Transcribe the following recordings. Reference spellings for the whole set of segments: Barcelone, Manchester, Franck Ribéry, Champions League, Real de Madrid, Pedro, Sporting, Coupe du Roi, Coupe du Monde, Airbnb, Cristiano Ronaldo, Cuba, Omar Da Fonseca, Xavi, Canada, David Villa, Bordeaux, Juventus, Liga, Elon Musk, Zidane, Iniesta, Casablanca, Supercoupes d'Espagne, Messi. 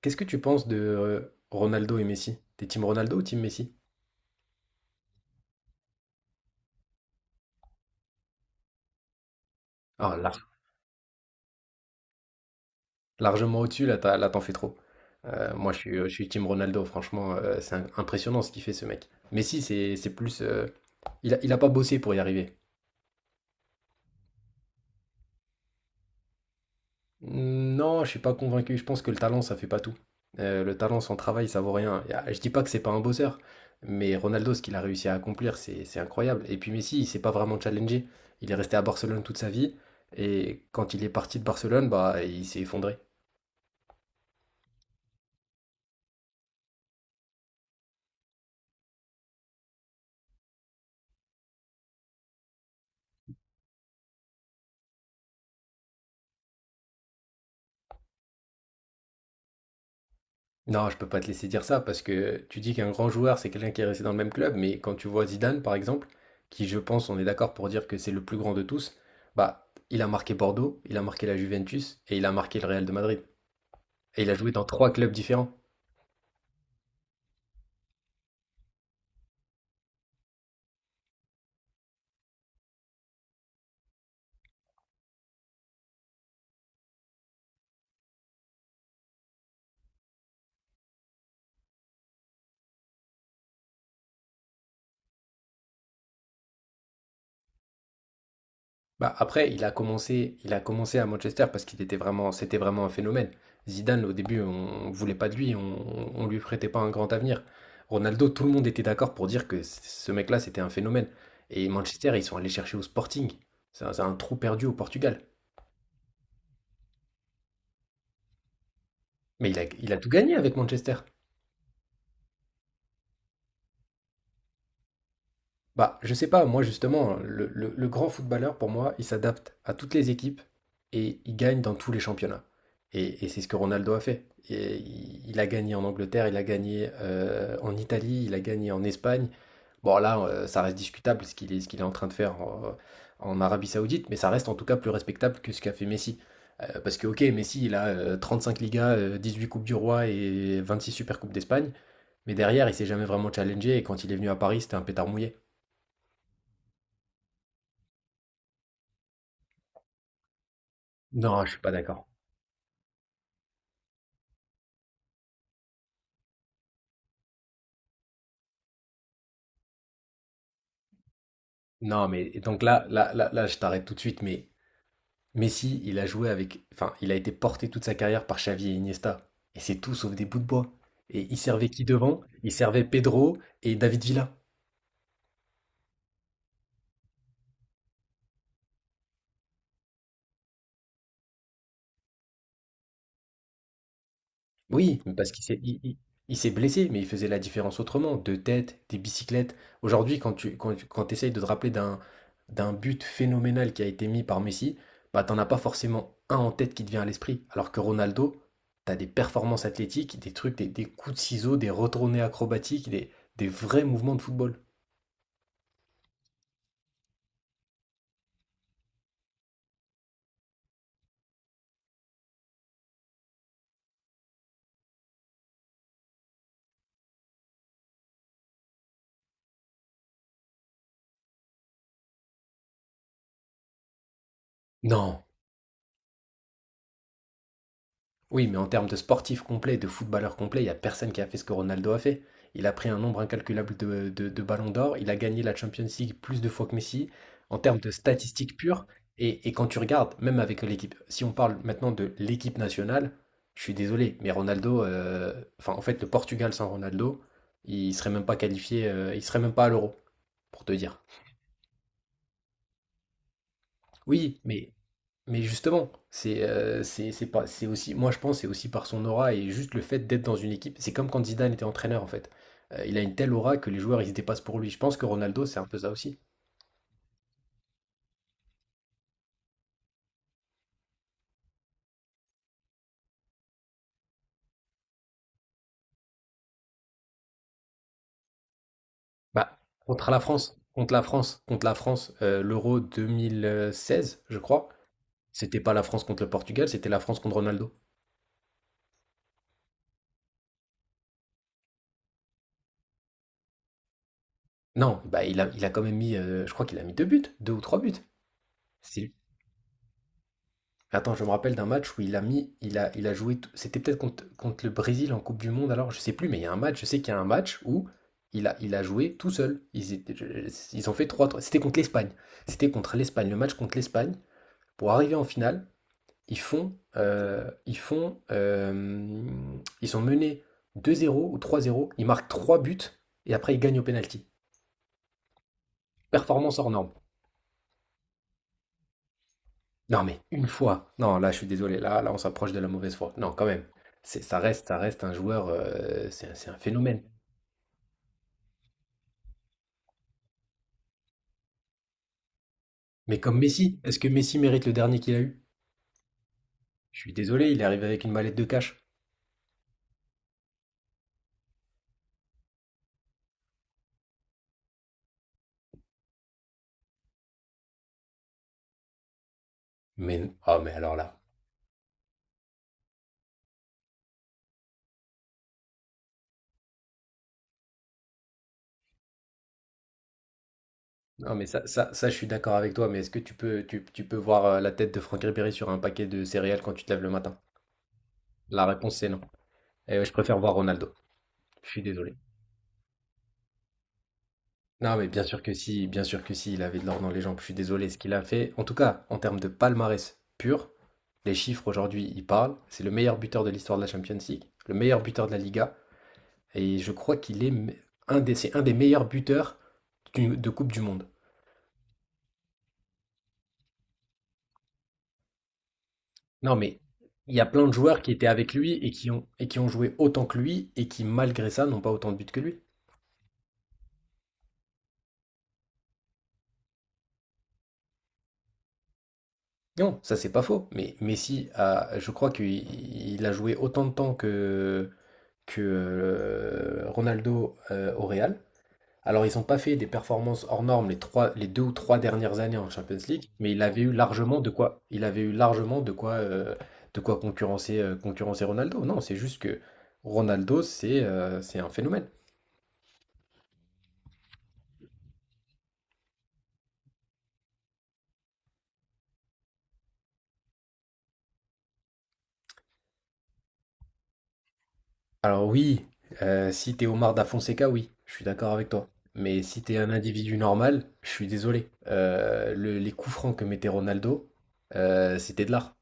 Qu'est-ce que tu penses de Ronaldo et Messi? T'es team Ronaldo ou team Messi? Ah, largement au-dessus, là, là, t'en fais trop. Moi, je suis team Ronaldo, franchement, c'est impressionnant ce qu'il fait, ce mec. Messi, c'est plus. Il a pas bossé pour y arriver. Non, je suis pas convaincu. Je pense que le talent, ça fait pas tout. Le talent sans travail, ça vaut rien. Je dis pas que c'est pas un bosseur, mais Ronaldo, ce qu'il a réussi à accomplir, c'est incroyable. Et puis Messi, il s'est pas vraiment challengé. Il est resté à Barcelone toute sa vie, et quand il est parti de Barcelone, bah, il s'est effondré. Non, je peux pas te laisser dire ça parce que tu dis qu'un grand joueur, c'est quelqu'un qui est resté dans le même club, mais quand tu vois Zidane, par exemple, qui je pense, on est d'accord pour dire que c'est le plus grand de tous, bah, il a marqué Bordeaux, il a marqué la Juventus et il a marqué le Real de Madrid. Et il a joué dans trois clubs différents. Bah, après, il a commencé à Manchester parce qu'c'était vraiment un phénomène. Zidane, au début, on ne voulait pas de lui, on lui prêtait pas un grand avenir. Ronaldo, tout le monde était d'accord pour dire que ce mec-là, c'était un phénomène. Et Manchester, ils sont allés chercher au Sporting. C'est un trou perdu au Portugal. Mais il a tout gagné avec Manchester. Bah, je sais pas, moi justement, le grand footballeur, pour moi, il s'adapte à toutes les équipes et il gagne dans tous les championnats. Et c'est ce que Ronaldo a fait. Et il a gagné en Angleterre, il a gagné en Italie, il a gagné en Espagne. Bon, là, ça reste discutable ce qu'il est en train de faire en Arabie Saoudite, mais ça reste en tout cas plus respectable que ce qu'a fait Messi. Parce que, ok, Messi, il a 35 Ligas, 18 Coupes du Roi et 26 Supercoupes d'Espagne, mais derrière, il s'est jamais vraiment challengé et quand il est venu à Paris, c'était un pétard mouillé. Non, je suis pas d'accord. Non, mais et donc là, là, là, là, je t'arrête tout de suite, mais Messi, il a joué avec, enfin, il a été porté toute sa carrière par Xavi et Iniesta, et c'est tout sauf des bouts de bois. Et il servait qui devant? Il servait Pedro et David Villa. Oui, mais parce qu'il s'est blessé, mais il faisait la différence autrement, de tête, des bicyclettes. Aujourd'hui, quand t'essayes de te rappeler d'un but phénoménal qui a été mis par Messi, bah t'en as pas forcément un en tête qui te vient à l'esprit. Alors que Ronaldo, t'as des performances athlétiques, des trucs, des coups de ciseaux, des retournées acrobatiques, des vrais mouvements de football. Non. Oui, mais en termes de sportif complet, de footballeur complet, il n'y a personne qui a fait ce que Ronaldo a fait. Il a pris un nombre incalculable de ballons d'or, il a gagné la Champions League plus de fois que Messi, en termes de statistiques pures. Et quand tu regardes, même avec l'équipe, si on parle maintenant de l'équipe nationale, je suis désolé, mais Ronaldo, enfin en fait le Portugal sans Ronaldo, il serait même pas qualifié, il serait même pas à l'Euro, pour te dire. Oui, mais justement, c'est pas c'est aussi moi je pense c'est aussi par son aura et juste le fait d'être dans une équipe. C'est comme quand Zidane était entraîneur en fait. Il a une telle aura que les joueurs ils se dépassent pour lui. Je pense que Ronaldo c'est un peu ça aussi. Bah, contre la France, contre la France, contre la France, l'Euro 2016 je crois. C'était pas la France contre le Portugal, c'était la France contre Ronaldo. Non, bah il a quand même mis, je crois qu'il a mis deux buts, deux ou trois buts. C'est Attends, je me rappelle d'un match où il a mis, il a joué, c'était peut-être contre le Brésil en Coupe du Monde, alors je sais plus, mais il y a un match, je sais qu'il y a un match où il a joué tout seul. Ils ont fait 3-3. C'était contre l'Espagne. C'était contre l'Espagne, le match contre l'Espagne. Pour arriver en finale, ils font, euh, ils font, euh, ils sont menés 2-0 ou 3-0. Ils marquent 3 buts et après ils gagnent au pénalty. Performance hors norme. Non, mais une fois. Non, là, je suis désolé. Là, là, on s'approche de la mauvaise foi. Non, quand même. Ça reste un joueur. C'est un phénomène. Mais comme Messi, est-ce que Messi mérite le dernier qu'il a eu? Je suis désolé, il est arrivé avec une mallette de cash. Mais oh, mais alors là. Non, mais ça, je suis d'accord avec toi. Mais est-ce que tu peux voir la tête de Franck Ribéry sur un paquet de céréales quand tu te lèves le matin? La réponse, c'est non. Et je préfère voir Ronaldo. Je suis désolé. Non, mais bien sûr que si, bien sûr que si, il avait de l'or dans les jambes. Je suis désolé, ce qu'il a fait, en tout cas, en termes de palmarès pur, les chiffres aujourd'hui, ils parlent. C'est le meilleur buteur de l'histoire de la Champions League, le meilleur buteur de la Liga, et je crois qu'il est c'est un des meilleurs buteurs de Coupe du Monde. Non, mais il y a plein de joueurs qui étaient avec lui et qui ont joué autant que lui et qui, malgré ça, n'ont pas autant de buts que lui. Non, ça c'est pas faux, mais Messi, a, je crois qu'il il a joué autant de temps que Ronaldo au Real. Alors, ils n'ont pas fait des performances hors normes les deux ou trois dernières années en Champions League, mais il avait eu largement de quoi, de quoi concurrencer Ronaldo. Non, c'est juste que Ronaldo, c'est un phénomène. Alors oui, si t'es Omar Da Fonseca, oui, je suis d'accord avec toi. Mais si t'es un individu normal, je suis désolé. Les coups francs que mettait Ronaldo, c'était de l'art.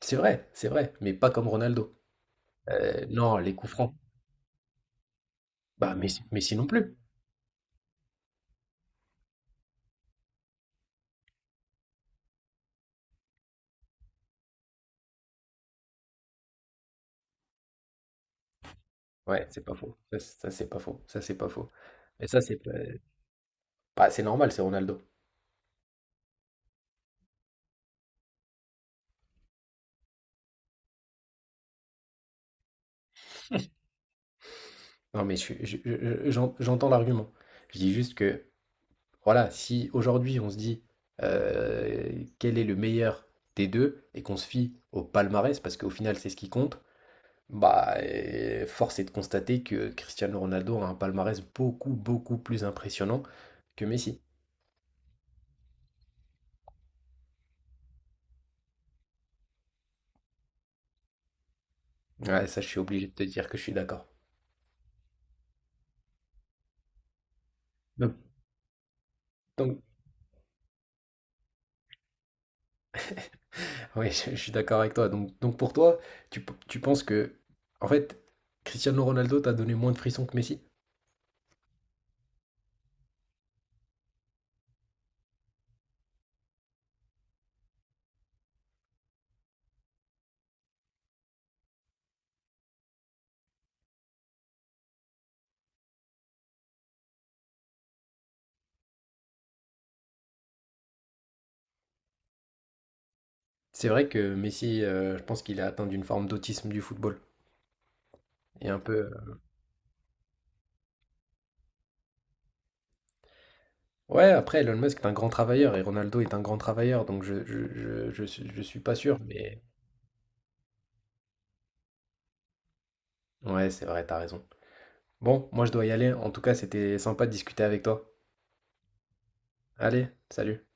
C'est vrai, mais pas comme Ronaldo. Non, les coups francs. Bah, Messi non plus. Ouais, c'est pas faux. Ça c'est pas faux, ça c'est pas faux. Mais ça c'est pas bah, c'est normal, c'est Ronaldo. Non mais je suis je j'en j'entends l'argument. Je dis juste que, voilà, si aujourd'hui on se dit, quel est le meilleur des 2 et qu'on se fie au palmarès parce qu'au final c'est ce qui compte, bah, force est de constater que Cristiano Ronaldo a un palmarès beaucoup, beaucoup plus impressionnant que Messi. Ouais, ça je suis obligé de te dire que je suis d'accord. donc Oui, je suis d'accord avec toi. Donc pour toi, tu penses que, en fait, Cristiano Ronaldo t'a donné moins de frissons que Messi? C'est vrai que Messi, je pense qu'il a atteint d'une forme d'autisme du football. Et un peu. Ouais, après, Elon Musk est un grand travailleur et Ronaldo est un grand travailleur, donc je suis pas sûr, mais. Ouais, c'est vrai, t'as raison. Bon, moi je dois y aller. En tout cas, c'était sympa de discuter avec toi. Allez, salut.